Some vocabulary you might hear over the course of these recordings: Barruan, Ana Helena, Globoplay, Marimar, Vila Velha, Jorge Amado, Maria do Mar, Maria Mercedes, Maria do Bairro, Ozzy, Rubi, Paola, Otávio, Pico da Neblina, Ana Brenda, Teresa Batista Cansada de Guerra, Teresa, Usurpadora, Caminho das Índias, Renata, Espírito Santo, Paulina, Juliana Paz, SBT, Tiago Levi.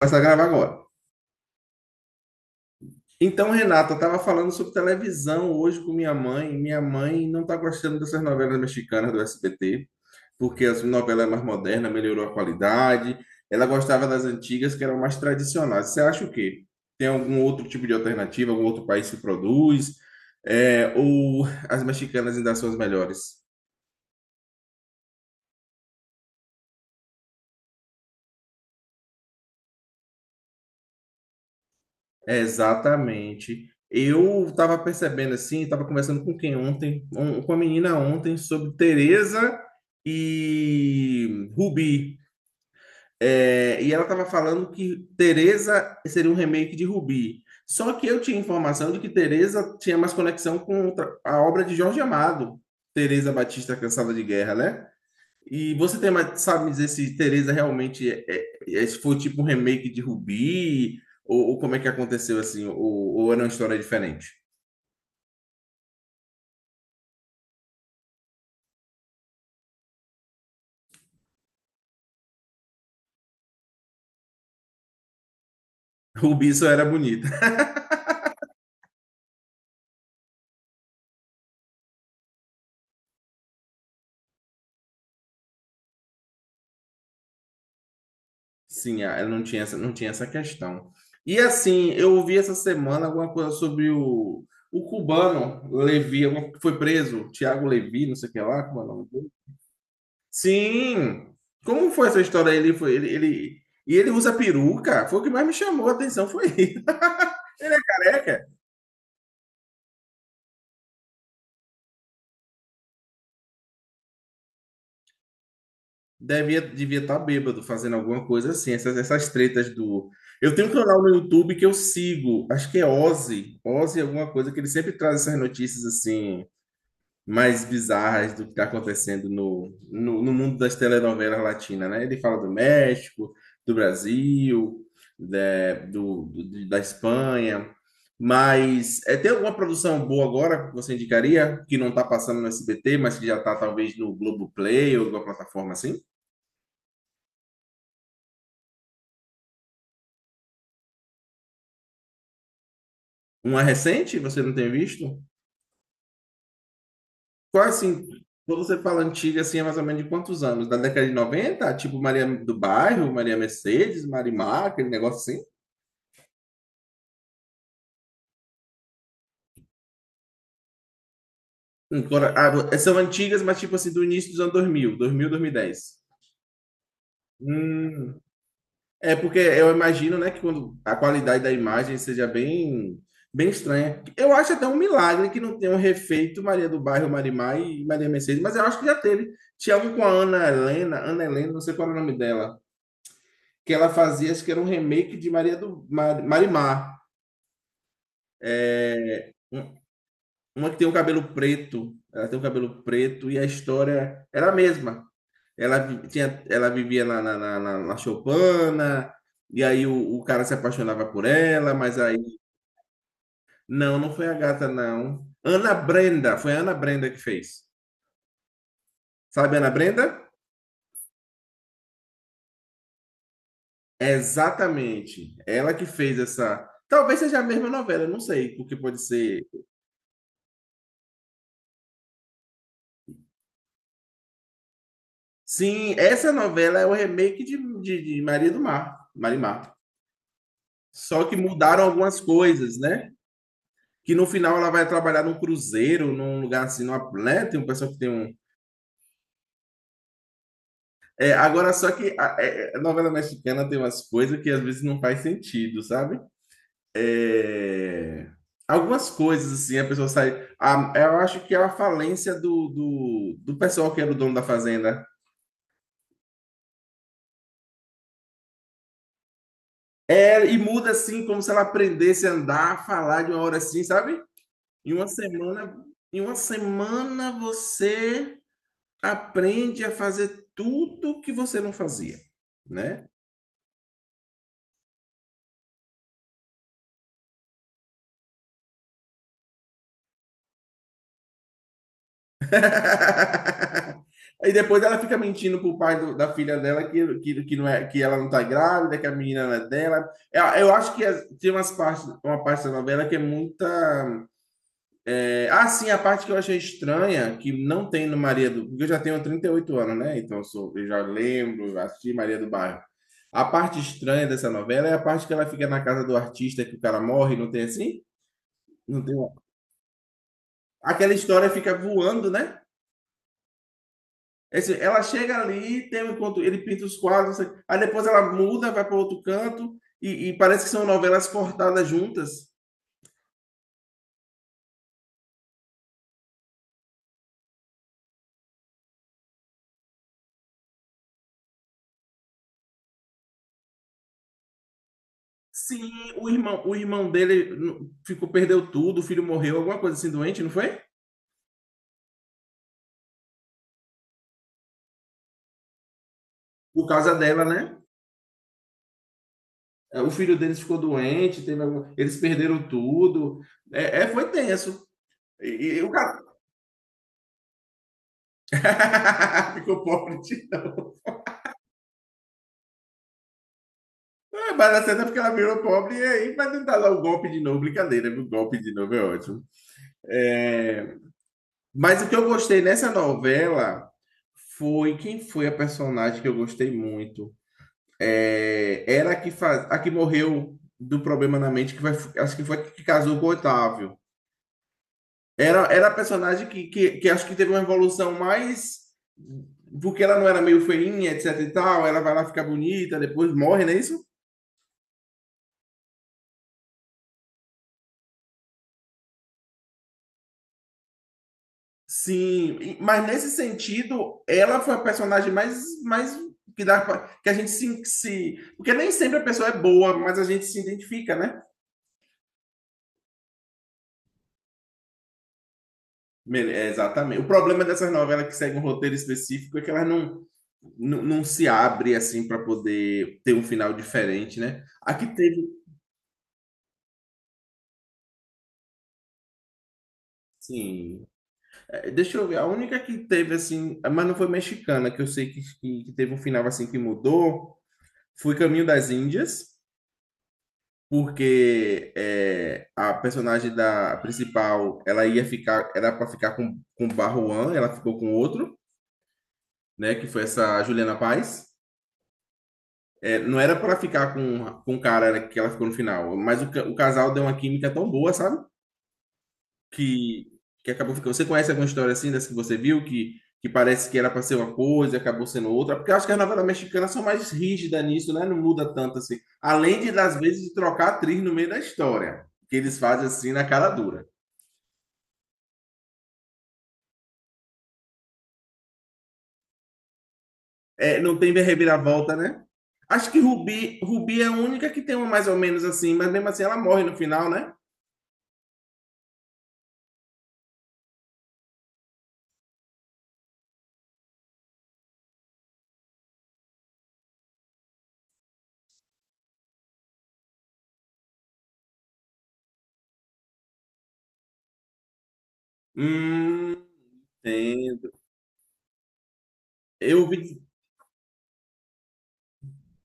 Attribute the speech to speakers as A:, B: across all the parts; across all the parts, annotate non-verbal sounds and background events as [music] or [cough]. A: Começar a gravar agora. Então, Renata, eu estava falando sobre televisão hoje com minha mãe. Minha mãe não está gostando dessas novelas mexicanas do SBT, porque as novelas é mais modernas, melhorou a qualidade. Ela gostava das antigas, que eram mais tradicionais. Você acha o quê? Tem algum outro tipo de alternativa? Algum outro país que produz? É, ou as mexicanas ainda são as melhores? É, exatamente. Eu estava percebendo assim, estava conversando com quem ontem, com a menina ontem, sobre Teresa e Rubi. É, e ela estava falando que Teresa seria um remake de Rubi. Só que eu tinha informação de que Teresa tinha mais conexão com a obra de Jorge Amado, Teresa Batista Cansada de Guerra, né? E você tem mais, sabe me dizer se Teresa realmente é, se foi tipo um remake de Rubi, ou como é que aconteceu assim, ou era uma história diferente? [laughs] Rubi só era bonita. [laughs] Sim, ah, ela não tinha essa, não tinha essa questão. E assim, eu ouvi essa semana alguma coisa sobre o cubano Levi, que foi preso, Tiago Levi, não sei o que lá, como é o nome dele? Sim. Como foi essa história? Ele foi, ele- E ele usa peruca? Foi o que mais me chamou a atenção, foi ele, [laughs] careca. Devia estar bêbado fazendo alguma coisa assim, essas, essas tretas do. Eu tenho um canal no YouTube que eu sigo, acho que é Ozzy, Ozzy alguma coisa, que ele sempre traz essas notícias assim, mais bizarras do que está acontecendo no mundo das telenovelas latinas, né? Ele fala do México, do Brasil, da Espanha, mas é, tem alguma produção boa agora que você indicaria, que não está passando no SBT, mas que já está talvez no Globoplay ou alguma plataforma assim? Uma recente, você não tem visto? Qual, assim, quando você fala antiga, assim, é mais ou menos de quantos anos? Da década de noventa, tipo Maria do Bairro, Maria Mercedes, Marimar, aquele negócio assim? Agora, ah, são antigas, mas tipo assim, do início dos anos dois mil, dois mil, 2000, 2010. Hum, é porque eu imagino, né, que quando a qualidade da imagem seja bem, bem estranha. Eu acho até um milagre que não tenham refeito Maria do Bairro, Marimar e Maria Mercedes, mas eu acho que já teve. Tinha um com a Ana Helena, Ana Helena, não sei qual era o nome dela, que ela fazia, acho que era um remake de Maria do Mar, Marimar. É, um, uma que tem o um cabelo preto, ela tem o um cabelo preto e a história era a mesma. Ela, tinha, ela vivia na Chopana, e aí cara se apaixonava por ela, mas aí. Não, não foi a gata, não. Ana Brenda, foi a Ana Brenda que fez. Sabe, a Ana Brenda? É exatamente. Ela que fez essa. Talvez seja a mesma novela, não sei, porque pode ser. Sim, essa novela é o remake de Maria do Mar, Marimar. Só que mudaram algumas coisas, né? Que no final ela vai trabalhar num cruzeiro, num lugar assim, numa, né? Tem um pessoal que tem um. É, agora, só que a, é, a novela mexicana tem umas coisas que às vezes não faz sentido, sabe? É... Algumas coisas, assim, a pessoa sai. Eu acho que é a falência do pessoal que era o dono da fazenda. É, e muda assim, como se ela aprendesse a andar, a falar de uma hora assim, sabe? Em uma semana, em uma semana, você aprende a fazer tudo que você não fazia, né? [laughs] Aí depois ela fica mentindo pro pai da filha dela não é, que ela não tá grávida, que a menina não é dela. Eu acho que tem umas partes, uma parte da novela que é muita. Ah, sim, a parte que eu achei estranha, que não tem no Maria do... Porque eu já tenho 38 anos, né? Então eu já lembro, assisti Maria do Bairro. A parte estranha dessa novela é a parte que ela fica na casa do artista, que o cara morre, não tem assim? Não tem... Aquela história fica voando, né? Ela chega ali, tem um encontro, ele pinta os quadros, não sei- aí depois ela muda, vai para outro canto, e parece que são novelas cortadas juntas. Sim, o irmão dele ficou, perdeu tudo, o filho morreu, alguma coisa assim doente, não foi? Por causa dela, né? É, o filho deles ficou doente, teve algum... eles perderam tudo. É, é foi tenso. E o cara [laughs] ficou pobre de novo. É, mas a cena é porque ela virou pobre e aí vai tentar dar o golpe de novo. Brincadeira, o golpe de novo é ótimo. É... Mas o que eu gostei nessa novela foi quem foi a personagem que eu gostei muito. É... Era a que, faz... a que morreu do problema na mente, que vai... acho que foi a que casou com o Otávio. Era, era a personagem que acho que teve uma evolução mais. Porque ela não era meio feinha, etc e tal, ela vai lá ficar bonita, depois morre, não é isso? Sim, mas nesse sentido, ela foi a personagem mais, mais que dá que a gente se, se. Porque nem sempre a pessoa é boa, mas a gente se identifica, né? É, exatamente. O problema dessas novelas que seguem um roteiro específico é que elas não, não, não se abrem assim para poder ter um final diferente, né? Aqui teve. Sim, deixa eu ver, a única que teve assim, mas não foi mexicana, que eu sei que teve um final assim que mudou, foi Caminho das Índias, porque é, a personagem da principal, ela ia ficar, era para ficar com Barruan, ela ficou com outro, né, que foi essa Juliana Paz. É, não era para ficar com o cara que ela ficou no final, mas o, o casal deu uma química tão boa, sabe? Que que acabou ficando. Você conhece alguma história assim dessa que você viu que parece que era para ser uma coisa e acabou sendo outra? Porque eu acho que as novelas mexicanas são mais rígidas nisso, né? Não muda tanto assim. Além de, às vezes, de trocar atriz no meio da história, que eles fazem assim na cara dura. É, não tem reviravolta, né? Acho que Rubi, Rubi é a única que tem uma mais ou menos assim, mas mesmo assim ela morre no final, né? Hum, entendo. Eu vi.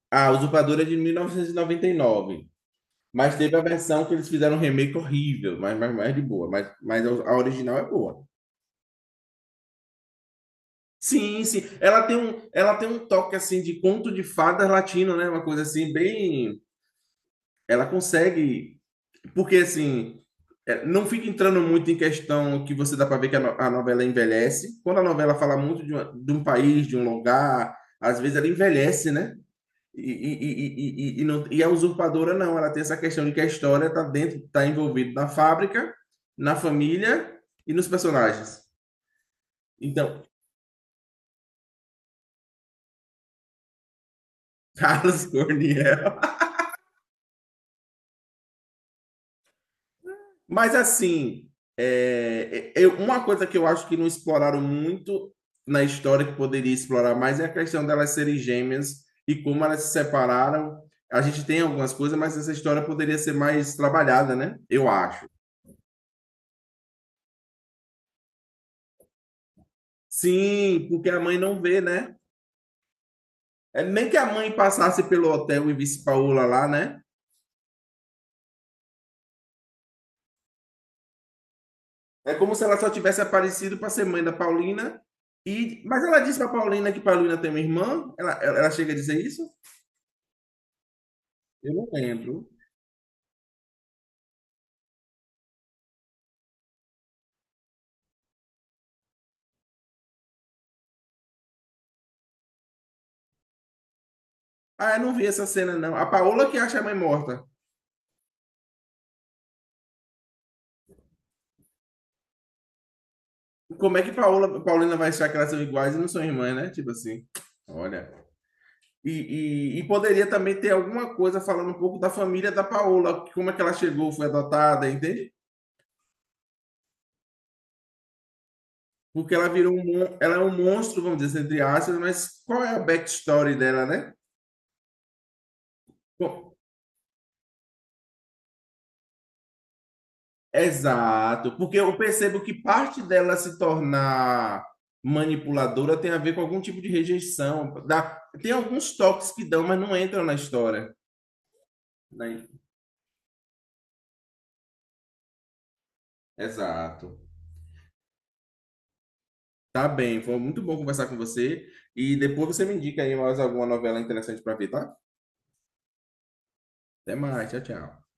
A: Ah, Usurpadora é de 1999. Mas teve a versão que eles fizeram um remake horrível, mas de boa. Mas a original é boa. Sim, sim. Ela tem um toque assim de conto de fadas latino, né? Uma coisa assim, bem. Ela consegue. Porque assim. É, não fica entrando muito em questão que você dá para ver que a, a novela envelhece. Quando a novela fala muito de, de um país, de um lugar, às vezes ela envelhece, né? E, e, e, não, e a usurpadora não, ela tem essa questão de que a história está dentro, está envolvida na fábrica, na família e nos personagens. Então, [laughs] Carlos Corniel. Mas assim, é, eu, uma coisa que eu acho que não exploraram muito na história que poderia explorar mais é a questão delas serem gêmeas e como elas se separaram. A gente tem algumas coisas, mas essa história poderia ser mais trabalhada, né? Eu acho. Sim, porque a mãe não vê, né? É nem que a mãe passasse pelo hotel e visse Paola lá, né? É como se ela só tivesse aparecido para ser mãe da Paulina. E... mas ela disse para Paulina que Paulina tem uma irmã? Ela, ela chega a dizer isso? Eu não lembro. Ah, eu não vi essa cena, não. A Paola que acha a mãe morta. Como é que Paola, Paulina vai achar que elas são iguais e não são irmãs, né? Tipo assim. Olha. Poderia também ter alguma coisa falando um pouco da família da Paola, como é que ela chegou, foi adotada, entende? Porque ela virou um, ela é um monstro, vamos dizer, assim, entre aspas, mas qual é a backstory dela, né? Bom, exato, porque eu percebo que parte dela se tornar manipuladora tem a ver com algum tipo de rejeição. Dá, tem alguns toques que dão, mas não entram na história. Né? Exato. Tá bem, foi muito bom conversar com você. E depois você me indica aí mais alguma novela interessante para ver, tá? Até mais, tchau, tchau.